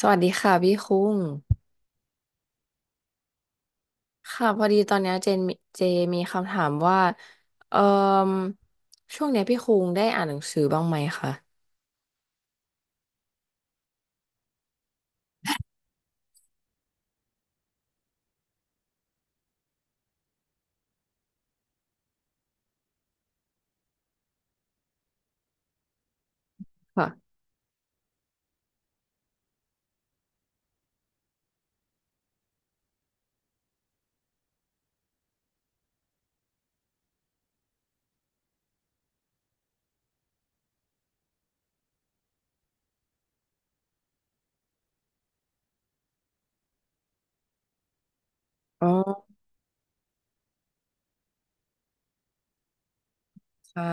สวัสดีค่ะพี่คุ้งค่ะพอดีตอนเนี้ยเจมีคำถามว่าเอ่อช่วงเนี้ยพี่คุ้งได้อ่านหนังสือบ้างไหมคะค่ะอ๋อค่ะ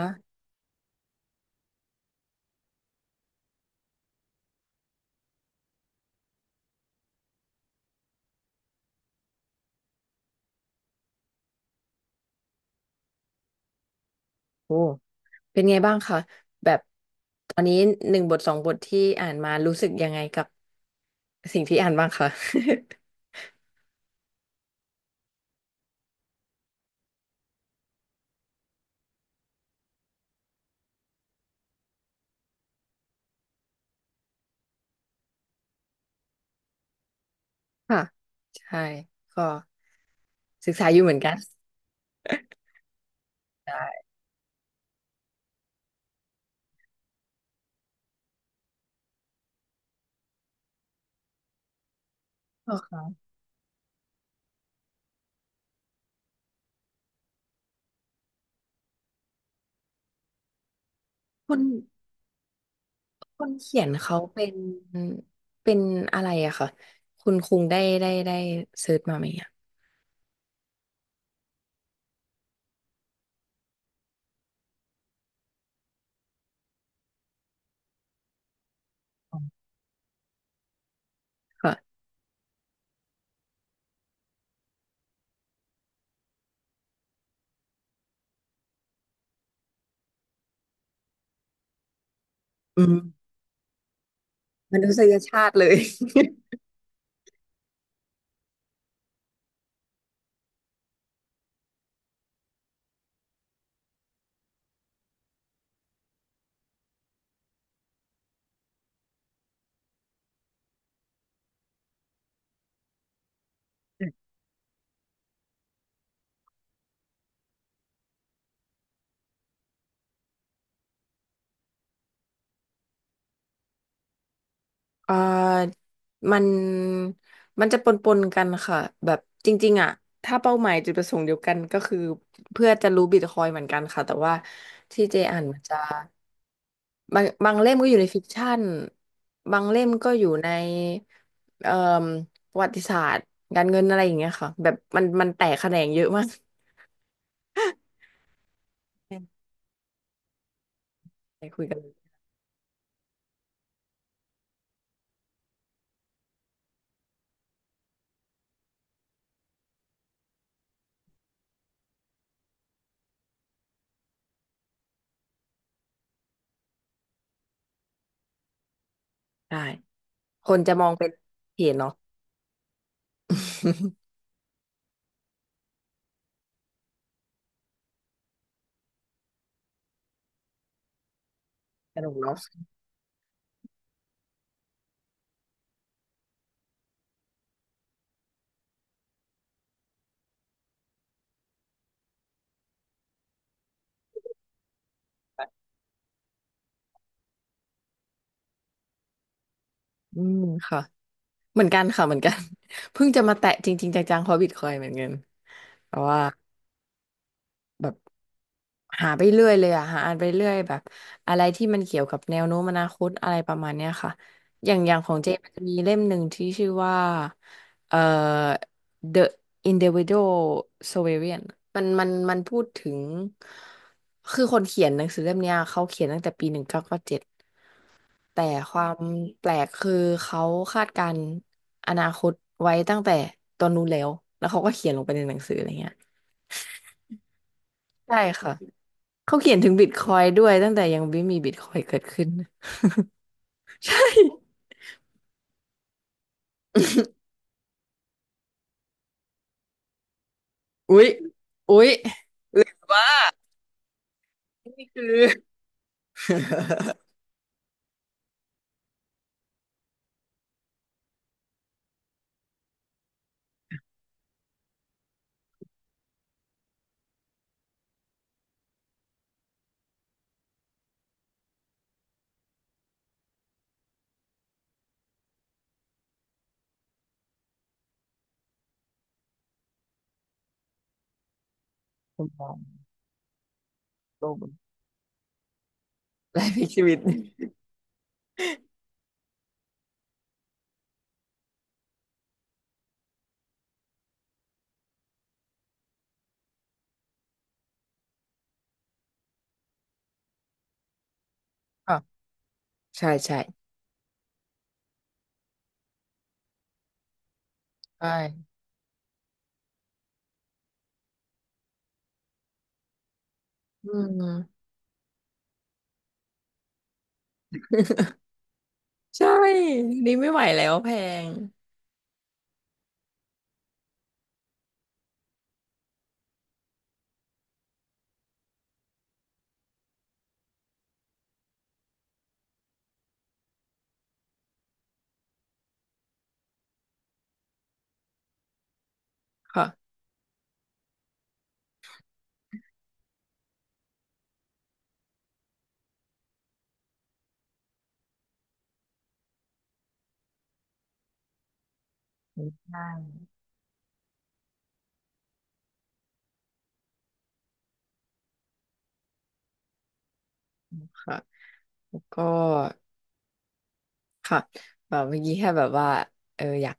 โอ้เป็นไงบ้างคะแบบตอนนี้หนึ่งบทสองบทที่อ่านมารู้สึกยังไงกับสิ่งที่อ่านบ้างคะ ค่ะ ใช่ก็ศึกษาอยู่เหมือนกันใช่อ๋อค่ะคุณ คนเขียนเขาเป็นอะไรอะค่ะคุณคุงได้เซิร์ชมาไหมอะค่ะอืมมนุษยชาติเลย เอ่อมันมันจะปนปนกันค่ะแบบจริงๆอะถ้าเป้าหมายจุดประสงค์เดียวกันก็คือเพื่อจะรู้บิตคอยน์เหมือนกันค่ะแต่ว่าที่เจอ่านมันจะ บางเล่มก็อยู่ในฟิกชัน บางเล่มก็อยู่ในเอ่อประวัติศาสตร์การเงินอะไรอย่างเงี้ยค่ะแบบมันแตกแขนงเยอะมาก ไปคุยกันได้คนจะมองเป็นเพจเนาะ สนุกเนาะอืมค่ะเหมือนกันค่ะเหมือนกัน เพิ่งจะมาแตะจริงๆจังๆฮอบบิทคอยเหมือนกันแต่ว่า แบบหาไปเรื่อยเลยอะหาอ่านไปเรื่อยแบบอะไรที่มันเกี่ยวกับแนวโน้มอนาคตอะไรประมาณเนี้ยค่ะอย่างอย่างของเจมันจะมีเล่มหนึ่งที่ชื่อว่าเอ่อ The Individual Sovereign มันพูดถึงคือคนเขียนหนังสือเล่มเนี้ยเขาเขียนตั้งแต่ปี1997แต่ความแปลกคือเขาคาดการณ์อนาคตไว้ตั้งแต่ตอนนู้นแล้วแล้วเขาก็เขียนลงไปในหนังสืออะไรเงี้ยใช่ค่ะ เขาเขียนถึงบิตคอยด้วยตั้งแต่ยังไม่มีบิตคอยเกิดขึ้น ใช่ อุ๊ยอุ๊ยว่านี่คือลมโตไลฟ์พลิกชีวิต อ่ะใช่ใช่ใช่อืม ใช่นี่ไม่ไหวแล้วแพงค่ะใช่ค่ะแล้วก็ค่ะแบบเมื่อกี้แค่แบบว่าเอออยาก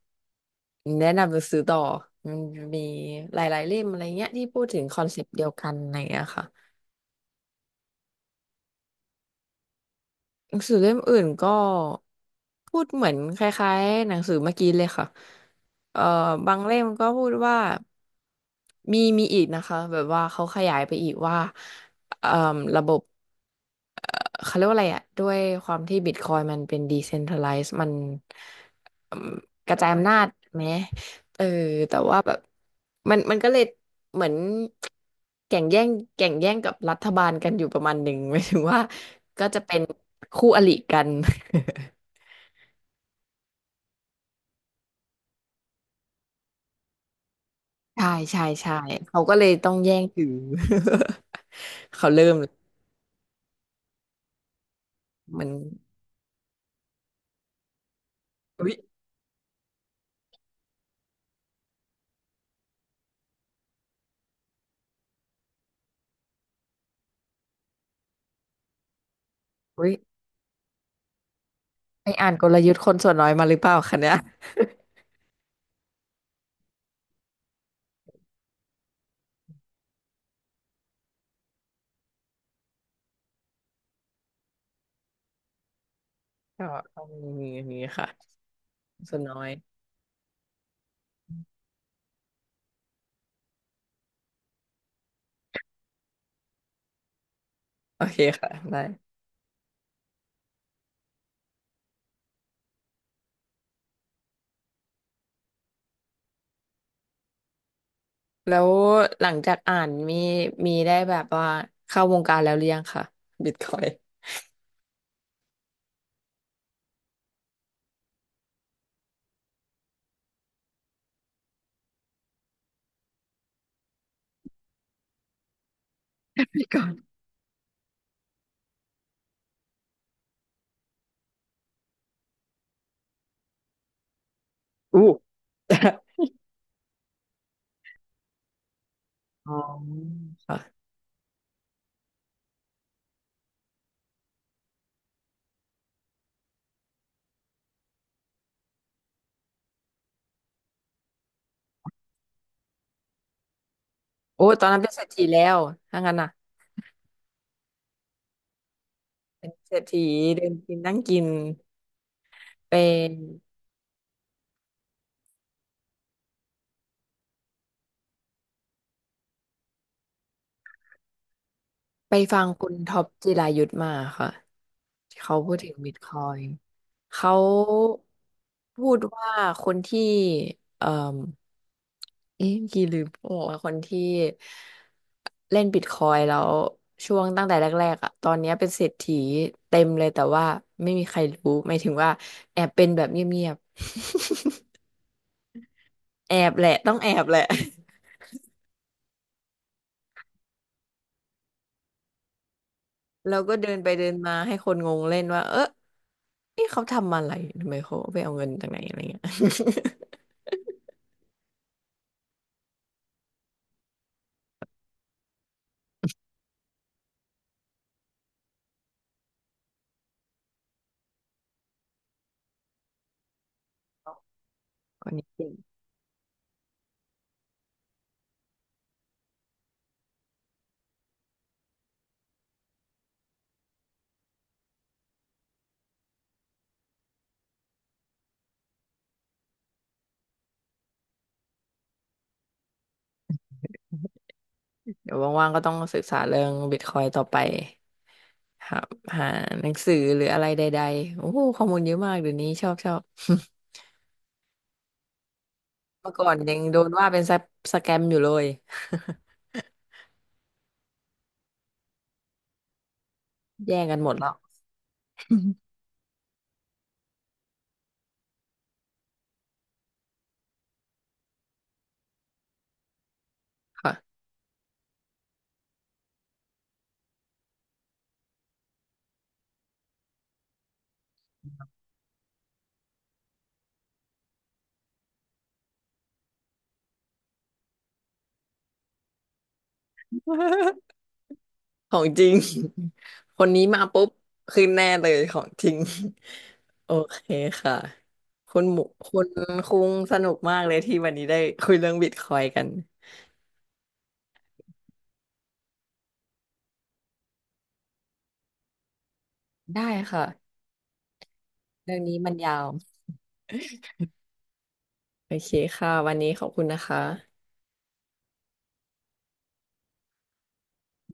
แนะนำหนังสือต่อมันมีหลายๆเล่มอะไรเงี้ยที่พูดถึงคอนเซปต์เดียวกันอะไรเงี้ยค่ะ หนังสือเล่มอื่นก็พูดเหมือนคล้ายๆหนังสือเมื่อกี้เลยค่ะเอ่อบางเล่มก็พูดว่ามีอีกนะคะแบบว่าเขาขยายไปอีกว่าเอ่อระบบ เขาเรียกว่าอะไรอ่ะด้วยความที่บิตคอยมันเป็นด e เซนท r a ไลซ์มันอืมกระจายอำนาจไหมเออแต่ว่าแบบมันก็เลยเหมือนแข่งแย่งแข่งแย่งกับรัฐบาลกันอยู่ประมาณหนึ่ง หมายถึงว่าก็จะเป็นคู่อริกัน ใช่ใช่ใช่เขาก็เลยต้องแย่งถือ เขาเริ่มเลยมันอุ๊ยอุ๊ยไปอ่านกลยุทธ์คนส่วนน้อยมาหรือเปล่าคะเนี่ย ก็ต้องมีอย่างนี้ค่ะ ส่วนน้อยโอเคค่ะได้แล้วหลังจากอ่านมีได้แบบว่าเข้าวงการแล้วหรือยังค่ะบิตคอย อู้ค่ะโอ้ตอนนั้นเป็นเศรษฐีแล้วถ้างั้นน่ะเป็นเศรษฐีเดินกินนั่งกินเป็นไปฟังคุณท็อปจิรายุทธมาค่ะที่เขาพูดถึงบิตคอยน์เขาพูดว่าคนที่เอ่อ เอ๊ะกี่ลืมบอกว่าคนที่เล่นบิตคอยน์แล้วช่วงตั้งแต่แรกๆอ่ะตอนเนี้ยเป็นเศรษฐีเต็มเลยแต่ว่าไม่มีใครรู้หมายถึงว่าแอบเป็นแบบเงียบๆ แอบแหละต้องแอบแหละแล้วก็เดินไปเดินมาให้คนงงเล่นว่าเออนี่เขาทำอะไรทำไมเขาไปเอาเงินจากไหนอะไรเงี้ย คนนี้เก่งเดี๋ยวว่างๆก็ต้องศึกษาเรื่องบิตคอยน์ต่อไป หาหาหนังสือหรืออะไรใดๆโอ้โหข้อมูลเยอะมากเดี๋ยวนี้ชอบชอบ เมื่อก่อนยังโดนว่าเป็นสแกมอยู่เลย แย่งกันหมดแล้ว ค่ะ ของจริง คนนี้มาปุ๊บขึ้นแน่เลยของจริง โอเคค่ะคุณหมูคุณคุงสนุกมากเลยที่วันนี้ได้คุยเรื่องบิตคอยน์กันได้ค่ะเรื่องนี้มันยาวโอเคค่ะวันนี้ขอบคุณนะคะ